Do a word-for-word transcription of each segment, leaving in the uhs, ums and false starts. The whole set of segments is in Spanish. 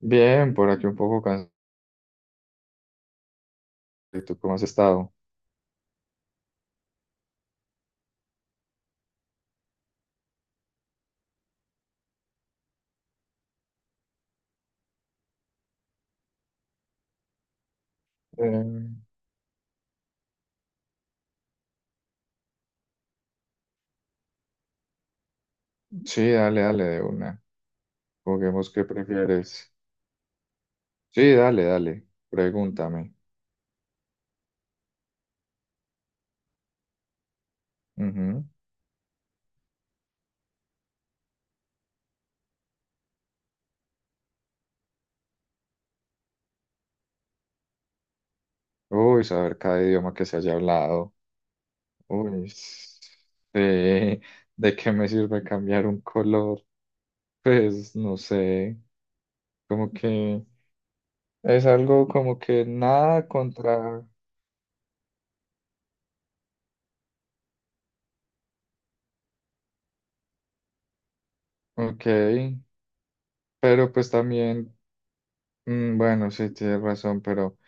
Bien, por aquí un poco cansado. ¿Y tú cómo has estado? Eh, sí, dale, dale, de una. Juguemos qué prefieres. Sí, dale, dale. Pregúntame. Ujú. Uy, saber cada idioma que se haya hablado. Uy, s- sí. ¿De qué me sirve cambiar un color? Pues no sé. Como que es algo como que nada contra. Ok. Pero pues también. Mm, bueno, sí, tienes razón, pero.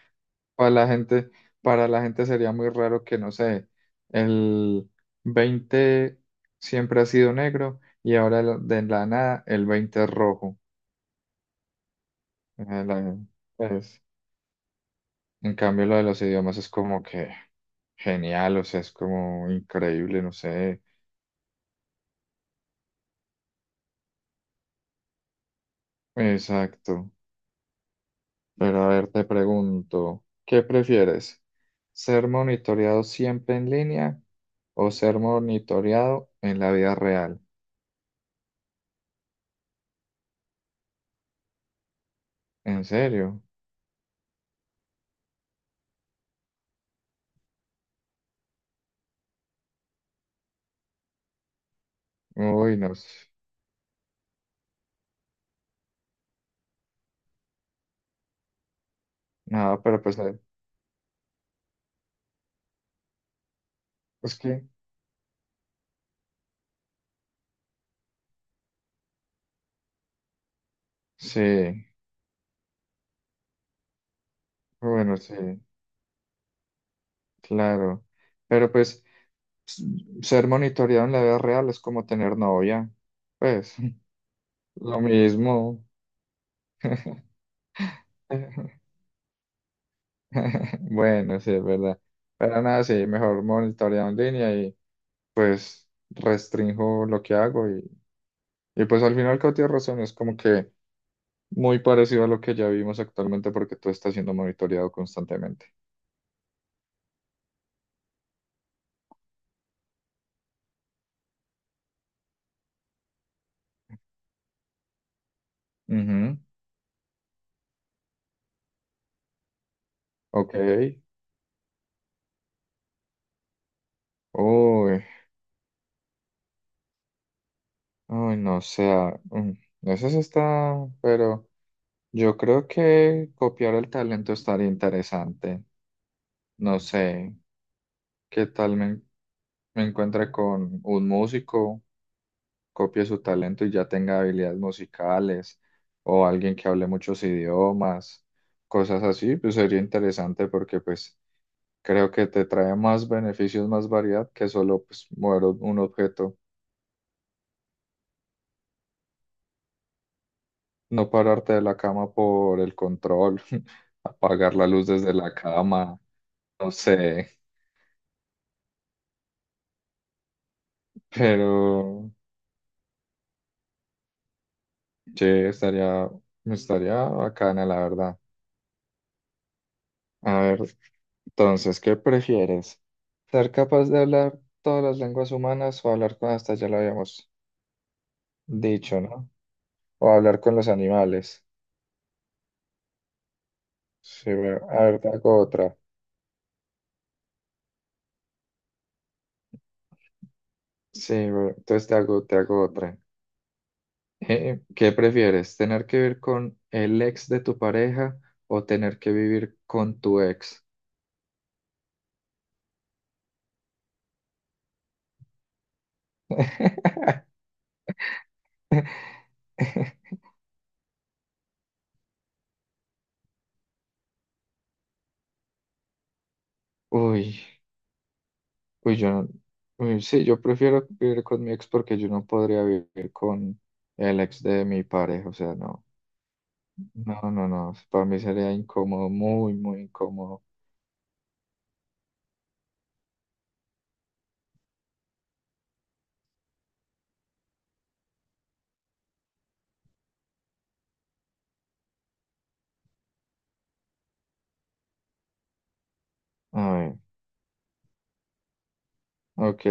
Para la gente, para la gente sería muy raro que, no sé, el veinte siempre ha sido negro y ahora lo- de la nada el veinte es rojo. Eh, la- pues, en cambio, lo de los idiomas es como que genial, o sea, es como increíble, no sé. Exacto. Pero a ver, te pregunto, ¿qué prefieres? ¿Ser monitoreado siempre en línea o ser monitoreado en la vida real? ¿En serio? Uy, no sé. No, pero pues, eh, pues que sí, bueno, sí, claro. Pero pues s- ser monitoreado en la vida real es como tener novia. Pues lo mismo. Bueno, sí, es verdad. Pero nada, sí, mejor monitoreado en línea y pues restrinjo lo que hago. Y, y pues al final, que tienes razón, es como que muy parecido a lo que ya vimos actualmente porque tú estás siendo monitoreado constantemente. Ujú, ok. Uy. Uy, no, o sea, mm, eso sí está, pero yo creo que copiar el talento estaría interesante. No sé, qué tal me, me encuentre con un músico, copie su talento y ya tenga habilidades musicales, o alguien que hable muchos idiomas, cosas así, pues sería interesante porque pues creo que te trae más beneficios, más variedad que solo pues mover un un objeto. No pararte de la cama por el control, apagar la luz desde la cama, no sé, pero che, estaría, estaría bacana, la verdad. A ver, entonces, ¿qué prefieres? ¿Ser capaz de hablar todas las lenguas humanas o hablar con, hasta ya lo habíamos dicho, ¿no? O hablar con los animales. Sí, bueno, a ver, te hago otra. Sí, bueno, entonces te hago, te hago otra. Eh, ¿qué prefieres? ¿Tener que vivir con el ex de tu pareja o tener que vivir con tu ex? Uy, uy, yo no- Uy, sí, yo prefiero vivir con mi ex porque yo no podría vivir con el ex de mi pareja, o sea, no, no, no, no, para mí sería incómodo, muy, muy incómodo. A ver, ok,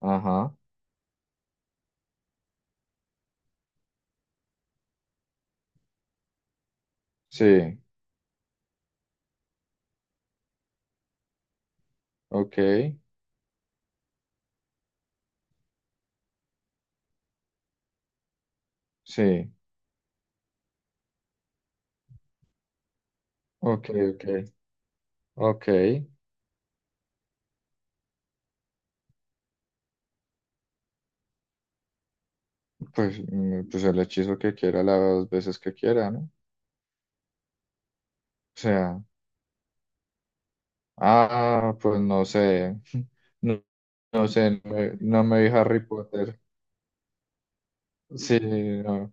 ajá, sí, ok, sí, ok, ok, ok. Pues, mm, pues el hechizo que quiera las veces que quiera, ¿no? O sea, ah, pues no sé, no, no sé, no, me no me vi Harry Potter. Sí, no,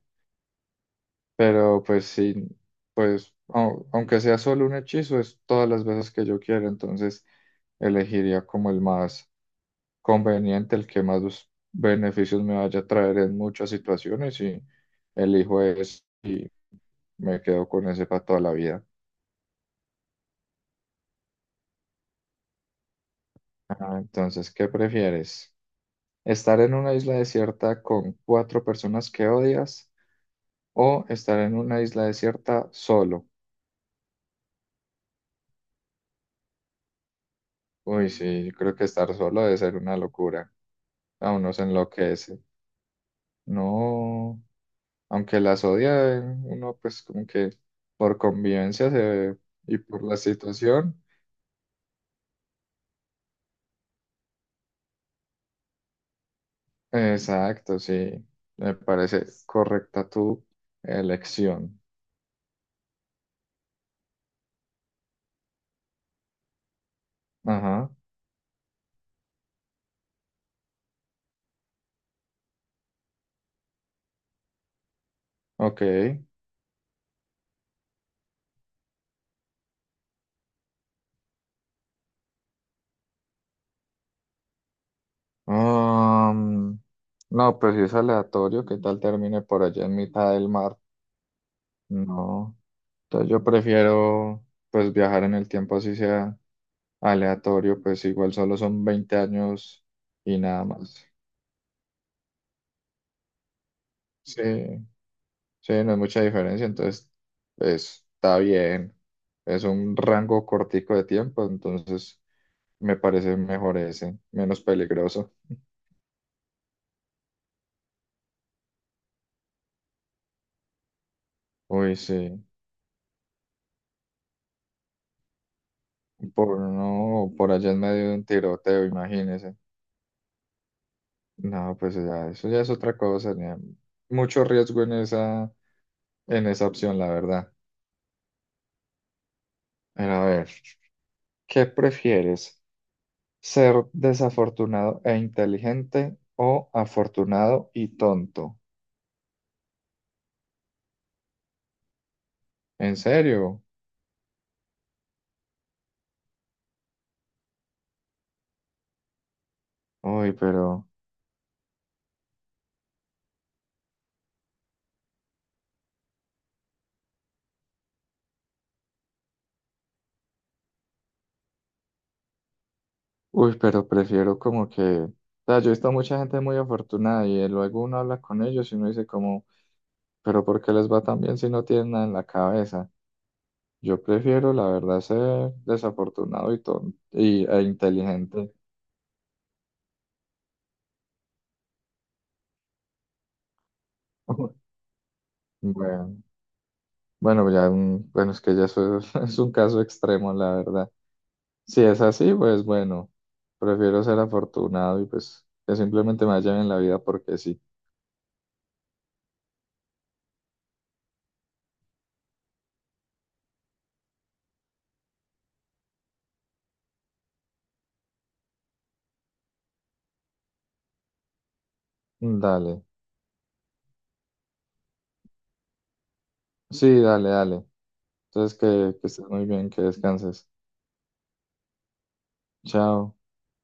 pero pues sí, pues au- aunque sea solo un hechizo, es todas las veces que yo quiera, entonces elegiría como el más conveniente, el que más los beneficios me vaya a traer en muchas situaciones y elijo ese y me quedo con ese para toda la vida. Ah, entonces, ¿qué prefieres? Estar en una isla desierta con cuatro personas que odias o estar en una isla desierta solo. Uy, sí, yo creo que estar solo debe ser una locura. A uno se enloquece. No, aunque las odia, eh, uno pues como que por convivencia se- y por la situación. Exacto, sí. Me parece correcta tu elección. Ajá, ok. Um, no, pues si es aleatorio, ¿qué tal termine por allá en mitad del mar? No, entonces yo prefiero pues viajar en el tiempo así sea aleatorio, pues igual solo son veinte años y nada más. Sí, sí, no es mucha diferencia, entonces pues, está bien. Es un rango cortico de tiempo, entonces me parece mejor ese, menos peligroso. Uy, sí, por no, por allá en medio de un tiroteo, imagínese. No, pues ya, eso ya es otra cosa. Ya. Mucho riesgo en esa, en esa opción, la verdad. Pero a ver, ¿qué prefieres? ¿Ser desafortunado e inteligente o afortunado y tonto? ¿En serio? Uy, pero, uy, pero prefiero como que, o sea, yo he visto mucha gente muy afortunada y luego uno habla con ellos y uno dice como, pero ¿por qué les va tan bien si no tienen nada en la cabeza? Yo prefiero, la verdad, ser desafortunado y tonto y, e inteligente. Bueno, bueno, ya un- bueno, es que ya eso es, es un caso extremo, la verdad. Si es así, pues bueno, prefiero ser afortunado y pues que simplemente me vaya bien en la vida porque sí. Dale, sí, dale, dale. Entonces que, que estés muy bien, que descanses. Chao.